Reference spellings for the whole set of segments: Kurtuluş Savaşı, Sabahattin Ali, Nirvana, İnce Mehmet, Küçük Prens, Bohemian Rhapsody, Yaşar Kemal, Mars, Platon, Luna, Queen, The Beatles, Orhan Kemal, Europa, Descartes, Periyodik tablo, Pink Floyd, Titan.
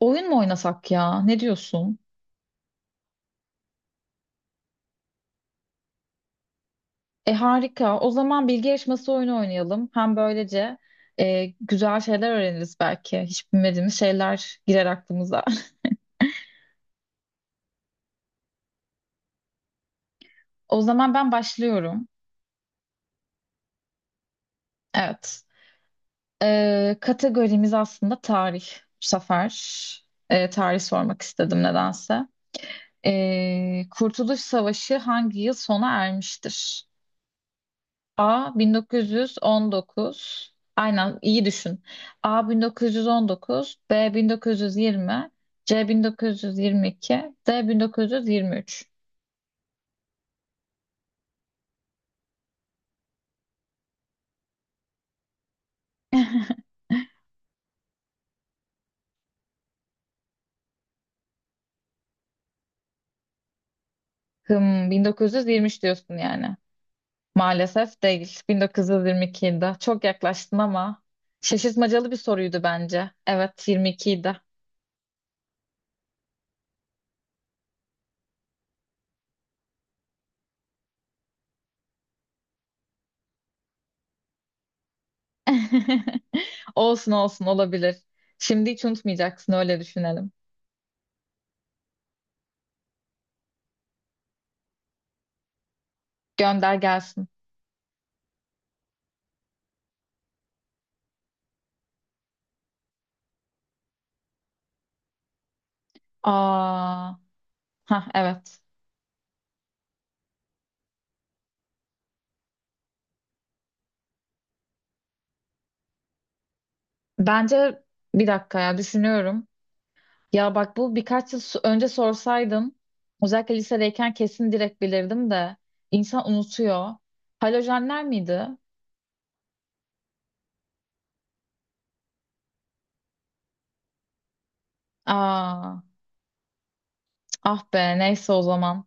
Oyun mu oynasak ya? Ne diyorsun? Harika. O zaman bilgi yarışması oyunu oynayalım. Hem böylece güzel şeyler öğreniriz belki. Hiç bilmediğimiz şeyler girer aklımıza. O zaman ben başlıyorum. Evet. Kategorimiz aslında tarih. Bu sefer tarih sormak istedim nedense. Kurtuluş Savaşı hangi yıl sona ermiştir? A 1919. Aynen, iyi düşün. A 1919, B 1920, C 1922, D 1923. 1923 diyorsun yani. Maalesef değil. 1922'de. Çok yaklaştın ama şaşırtmacalı bir soruydu bence. Evet, 22'ydi. Olsun olsun, olabilir. Şimdi hiç unutmayacaksın, öyle düşünelim. Gönder gelsin. Aa, ha evet. Bence bir dakika ya, düşünüyorum. Ya bak, bu birkaç yıl önce sorsaydım, özellikle lisedeyken kesin direkt bilirdim de insan unutuyor. Halojenler miydi? Aa, ah be, neyse o zaman.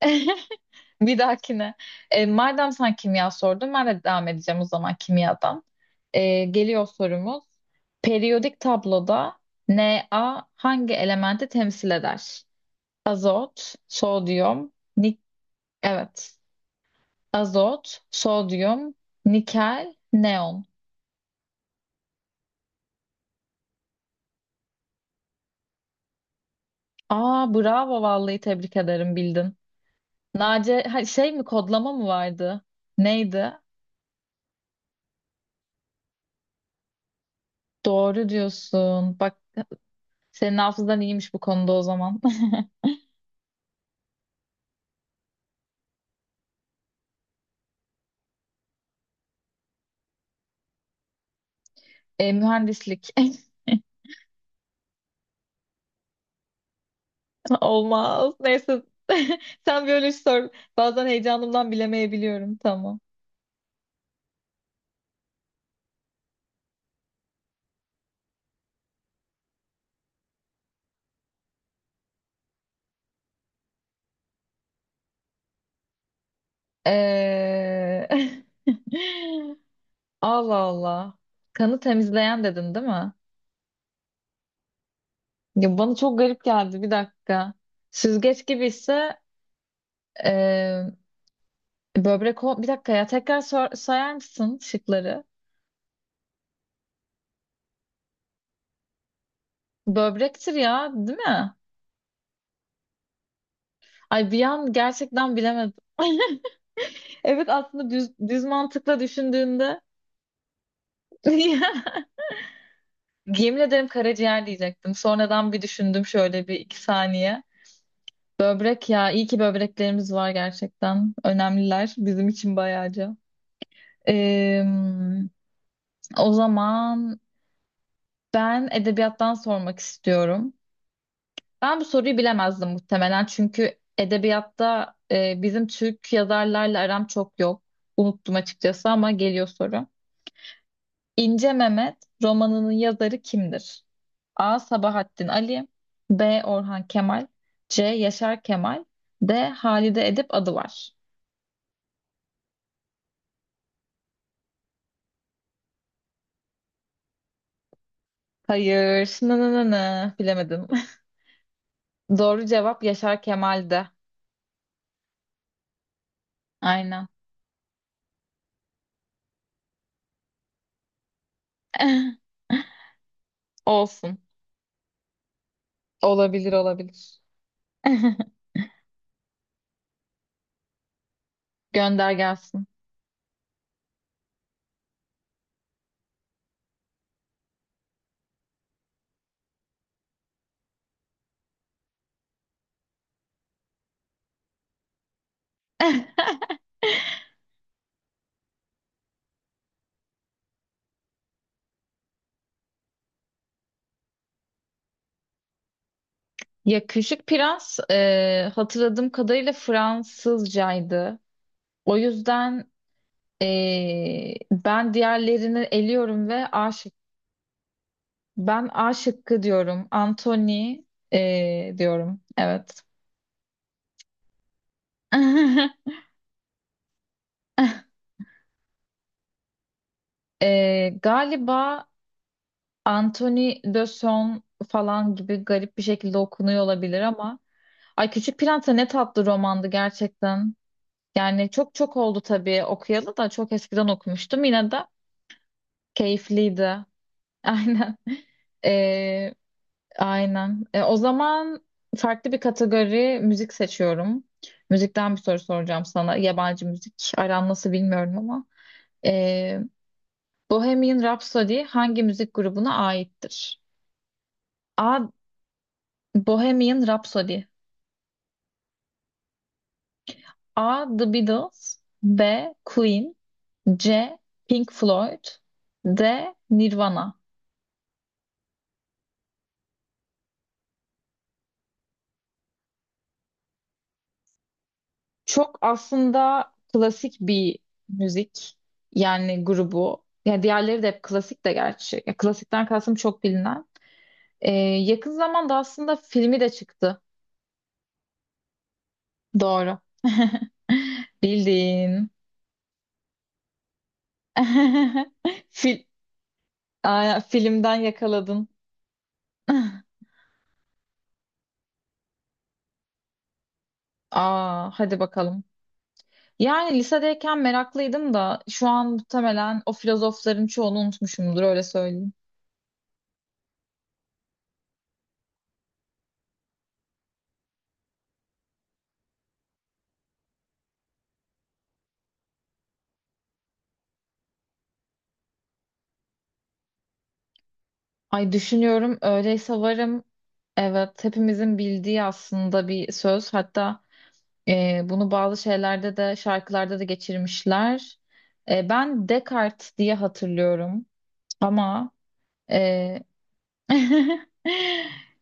Bir dahakine. Madem sen kimya sordun, ben de devam edeceğim o zaman kimyadan. Geliyor sorumuz. Periyodik tabloda Na hangi elementi temsil eder? Azot, sodyum, nik evet. Azot, sodyum, nikel, neon. Aa, bravo, vallahi tebrik ederim, bildin. Nace ha, şey mi, kodlama mı vardı? Neydi? Doğru diyorsun. Bak, senin hafızan iyiymiş bu konuda o zaman. Mühendislik. Olmaz. Neyse. Sen biyoloji sor. Bazen heyecanımdan bilemeyebiliyorum. Tamam. Ee... Allah Allah. Kanı temizleyen dedin, değil mi? Ya bana çok garip geldi. Bir dakika. Süzgeç gibi ise e, Bir dakika ya. Tekrar sayar mısın şıkları? Böbrektir ya, değil mi? Ay, bir an gerçekten bilemedim. Evet, aslında düz mantıkla düşündüğünde yemin ederim karaciğer diyecektim. Sonradan bir düşündüm şöyle bir iki saniye. Böbrek ya, iyi ki böbreklerimiz var gerçekten. Önemliler bizim için bayağıca. Ee, O zaman ben edebiyattan sormak istiyorum. Ben bu soruyu bilemezdim muhtemelen, çünkü edebiyatta bizim Türk yazarlarla aram çok yok. Unuttum açıkçası ama geliyor soru. İnce Mehmet romanının yazarı kimdir? A. Sabahattin Ali, B. Orhan Kemal, C. Yaşar Kemal, D. Halide Edip Adıvar. Hayır. Nı nı nı nı. Bilemedim. Doğru cevap Yaşar Kemal'de. Aynen. Olsun. Olabilir olabilir. Gönder gelsin. Yakışık Prens hatırladığım kadarıyla Fransızcaydı. O yüzden ben diğerlerini eliyorum ve ben A şıkkı diyorum. Anthony diyorum. Evet. Galiba Anthony de Son falan gibi garip bir şekilde okunuyor olabilir ama. Ay, Küçük Prens'e ne tatlı romandı gerçekten. Yani çok çok oldu tabii okuyalı, da çok eskiden okumuştum. Yine de keyifliydi. Aynen. Ee, aynen. O zaman farklı bir kategori, müzik seçiyorum. Müzikten bir soru soracağım sana. Yabancı müzik aran nasıl bilmiyorum ama. Ee, Bohemian Rhapsody hangi müzik grubuna aittir? A. Bohemian Rhapsody. A. The Beatles, B. Queen, C. Pink Floyd, D. Nirvana. Çok aslında klasik bir müzik yani grubu. Yani diğerleri de hep klasik de gerçi. Ya, klasikten kastım çok bilinen. Ee, Yakın zamanda aslında filmi de çıktı. Doğru. Bildin. Fil Aa, filmden yakaladın. Aa, hadi bakalım. Yani lisedeyken meraklıydım da, şu an muhtemelen o filozofların çoğunu unutmuşumdur, öyle söyleyeyim. Ay, düşünüyorum öyleyse varım. Evet, hepimizin bildiği aslında bir söz. Hatta bunu bazı şeylerde de, şarkılarda da geçirmişler. Ben Descartes diye hatırlıyorum ama e,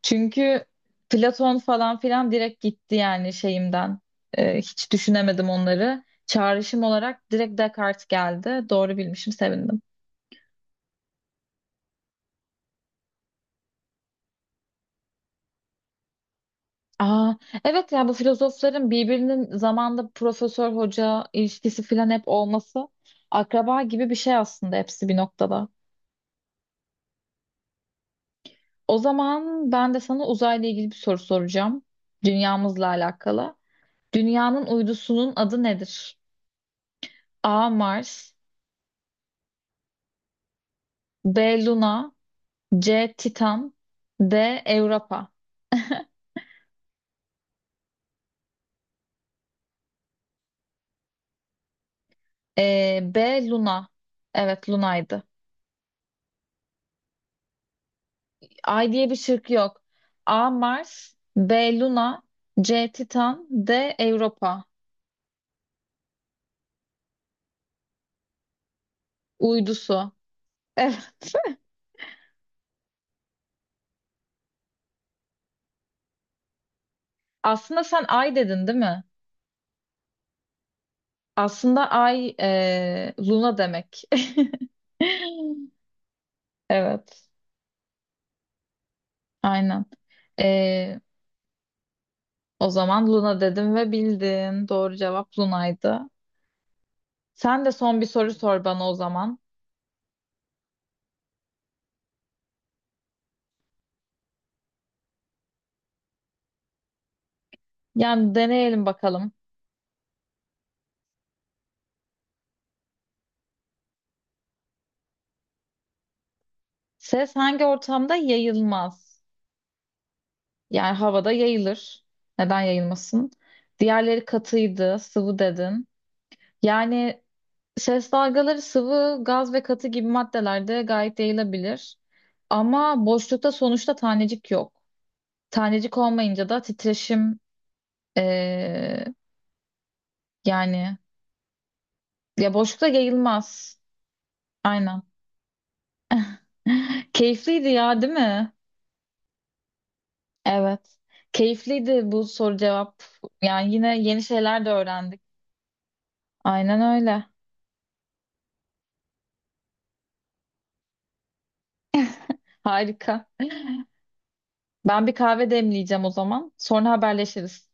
çünkü Platon falan filan direkt gitti yani şeyimden. Hiç düşünemedim onları. Çağrışım olarak direkt Descartes geldi. Doğru bilmişim, sevindim. Aa, evet ya, bu filozofların birbirinin zamanda profesör, hoca ilişkisi filan hep olması, akraba gibi bir şey aslında hepsi bir noktada. O zaman ben de sana uzayla ilgili bir soru soracağım. Dünyamızla alakalı. Dünyanın uydusunun adı nedir? A. Mars, B. Luna, C. Titan, D. Europa. B. Luna. Evet, Luna'ydı. Ay diye bir şık yok. A. Mars, B. Luna, C. Titan, D. Europa. Uydusu. Evet. Aslında sen Ay dedin, değil mi? Aslında Ay Luna demek. Evet. Aynen. Ee, O zaman Luna dedim ve bildin. Doğru cevap Luna'ydı. Sen de son bir soru sor bana o zaman. Yani deneyelim bakalım. Ses hangi ortamda yayılmaz? Yani havada yayılır. Neden yayılmasın? Diğerleri katıydı, sıvı dedin. Yani ses dalgaları sıvı, gaz ve katı gibi maddelerde gayet yayılabilir. Ama boşlukta sonuçta tanecik yok. Tanecik olmayınca da titreşim eee, yani ya, boşlukta yayılmaz. Aynen. Keyifliydi ya, değil mi? Evet. Keyifliydi bu soru cevap. Yani yine yeni şeyler de öğrendik. Aynen öyle. Harika. Ben bir kahve demleyeceğim o zaman. Sonra haberleşiriz.